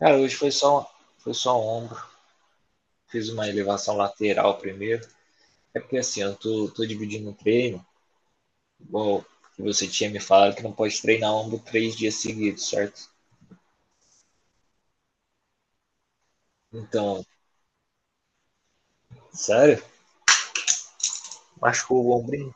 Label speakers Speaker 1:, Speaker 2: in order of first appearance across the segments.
Speaker 1: Cara, hoje foi só, foi só um ombro. Fiz uma elevação lateral primeiro. É porque assim, eu tô dividindo o treino, igual que você tinha me falado que não pode treinar ombro três dias seguidos, certo? Então, sério? Machucou o ombro?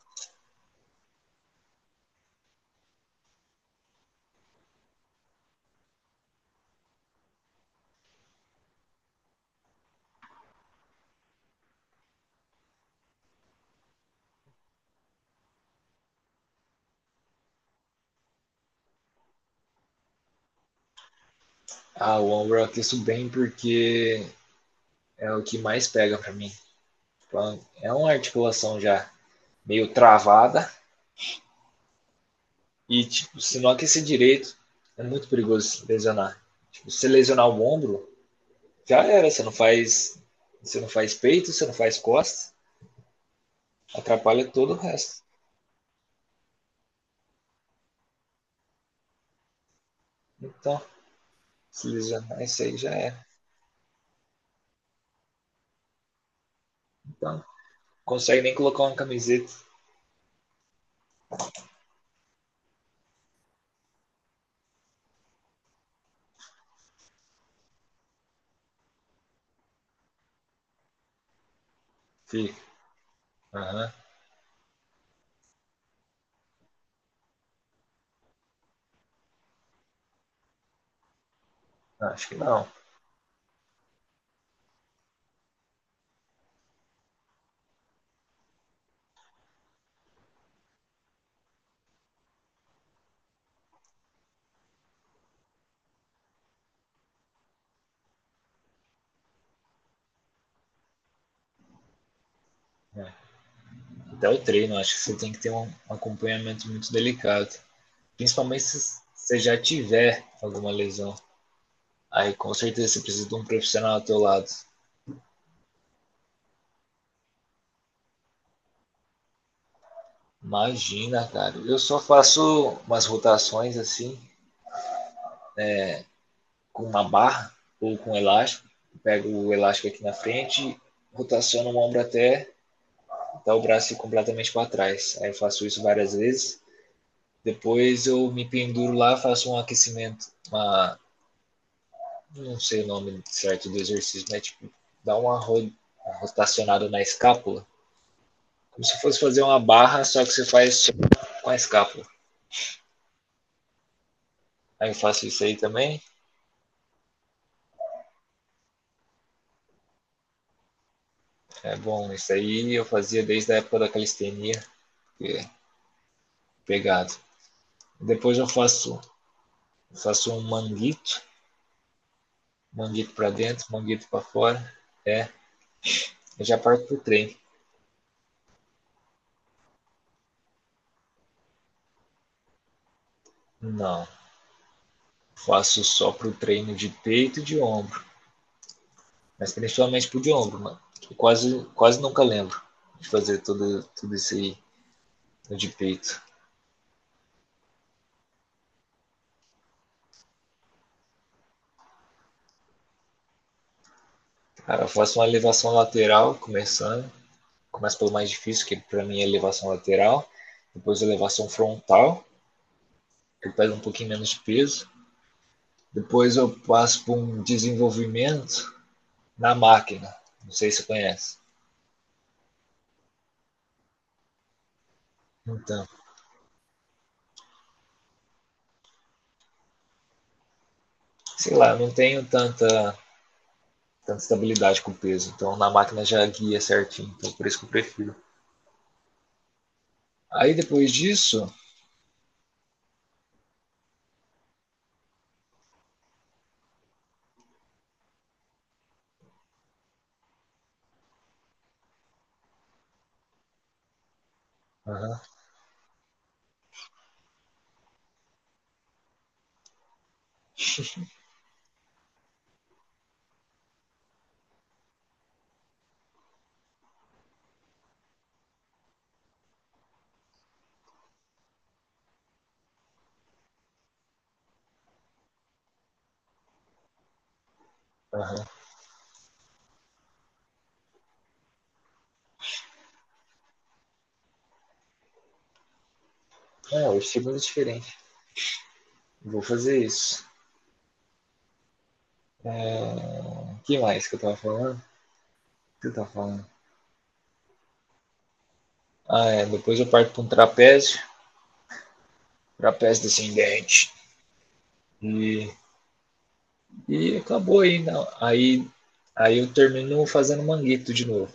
Speaker 1: Ah, o ombro eu aqueço bem porque é o que mais pega pra mim. Então, é uma articulação já meio travada e, tipo, se não aquecer direito, é muito perigoso lesionar. Tipo, se lesionar o ombro, já era. Você não faz peito, você não faz costas, atrapalha todo o resto. Então, se lesionar isso aí já era. Então, consegue nem colocar uma camiseta. Fica. Aham. Uhum. Acho que não. É. Até o treino, acho que você tem que ter um acompanhamento muito delicado. Principalmente se você já tiver alguma lesão. Aí com certeza você precisa de um profissional ao teu lado. Imagina, cara. Eu só faço umas rotações assim, com uma barra ou com um elástico. Pego o elástico aqui na frente, rotaciono o ombro até o braço ir completamente para trás. Aí eu faço isso várias vezes. Depois eu me penduro lá, faço um aquecimento, não sei o nome certo do exercício, mas tipo, dá uma, ro uma rotacionada na escápula, como se fosse fazer uma barra, só que você faz com a escápula. Aí eu faço isso aí também. É bom, isso aí eu fazia desde a época da calistenia, que é pegado. Depois eu faço um manguito, manguito para dentro, manguito para fora, é, eu já parto pro treino. Não, faço só pro treino de peito e de ombro, mas principalmente pro de ombro, mano. Eu quase nunca lembro de fazer tudo isso aí no de peito. Cara, eu faço uma elevação lateral, começo pelo mais difícil, que para mim é elevação lateral, depois elevação frontal, que pega um pouquinho menos de peso, depois eu passo por um desenvolvimento na máquina, não sei se você conhece. Então, sei lá, eu não tenho tanta estabilidade com o peso, então na máquina já guia certinho, então por isso que eu prefiro. Aí depois disso, aham, aham. É, o estímulo é diferente. Vou fazer isso. É, que mais que eu tava falando? O que eu tava falando? Ah, é, depois eu parto para um trapézio, trapézio descendente. E, e acabou aí, não. Aí eu termino fazendo manguito de novo.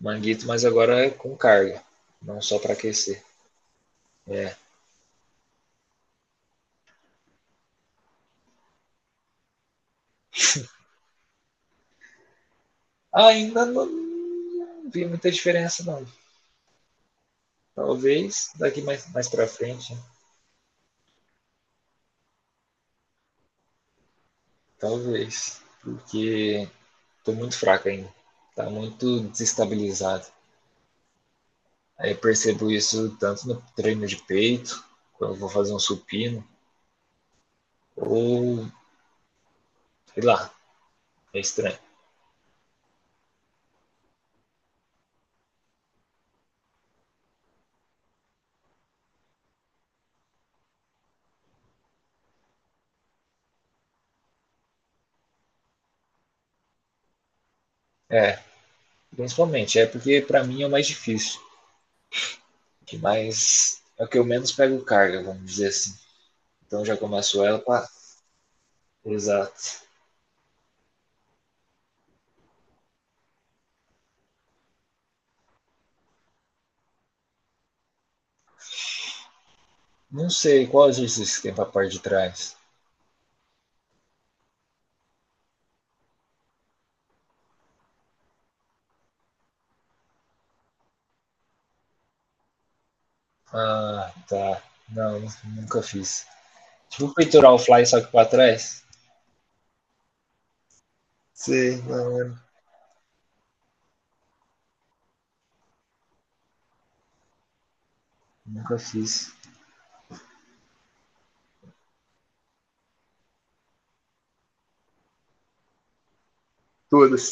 Speaker 1: Manguito, mas agora é com carga, não só para aquecer. É, ainda não, não vi muita diferença, não. Talvez daqui mais pra frente, né? Talvez. Porque tô muito fraco ainda. Tá muito desestabilizado. Aí eu percebo isso tanto no treino de peito, quando eu vou fazer um supino, ou sei lá, é estranho. É, principalmente, é porque pra mim é o mais difícil. Que mais é o que eu menos pego carga, vamos dizer assim. Então já começo ela pra. Exato. Não sei qual exercício que tem pra parte de trás. Ah, tá. Não, nunca fiz. Tipo um peitoral o fly, só que pra trás? Sei, não, mano. Nunca fiz. Todas.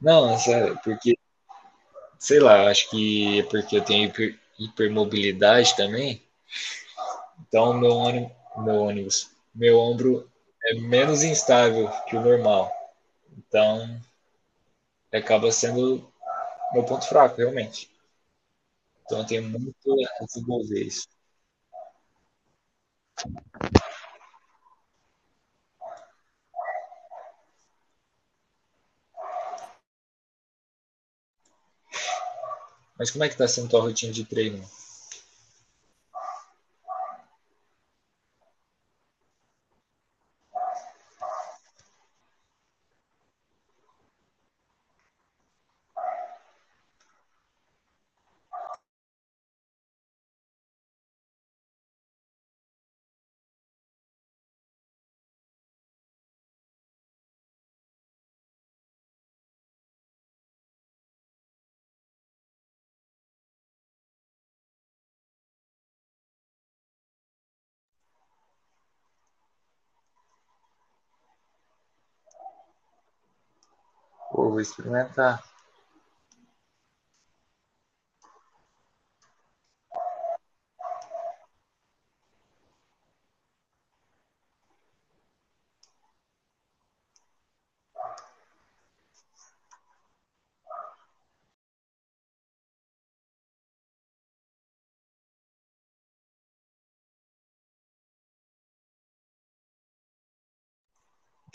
Speaker 1: Não, é sério, porque, sei lá, acho que é porque eu tenho hipermobilidade também. Então, meu ombro é menos instável que o normal. Então, acaba sendo meu ponto fraco, realmente. Então, eu tenho muito a desenvolver isso. Mas como é que tá sendo tua rotina de treino? Pô, vou experimentar.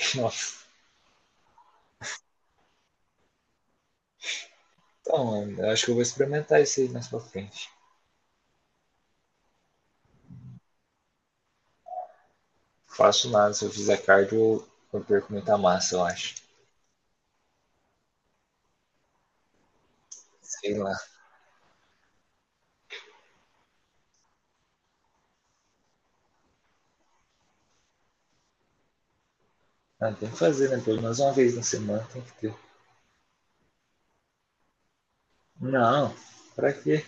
Speaker 1: Nossa. Então, eu acho que eu vou experimentar isso aí mais pra frente. Faço nada, se eu fizer cardio, eu perco muita massa, eu acho. Sei lá. Ah, tem que fazer, né? Pelo menos uma vez na semana tem que ter. Não, pra quê?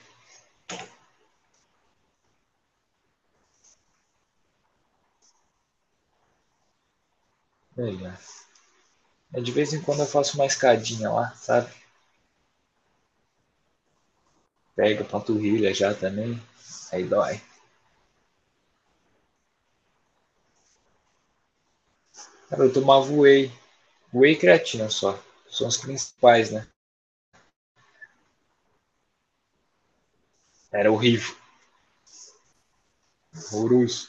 Speaker 1: Melhor. É, de vez em quando eu faço uma escadinha lá, sabe? Pega a panturrilha já também, aí dói. Cara, eu tomava whey e creatina só. São os principais, né? Era horrível, horroroso.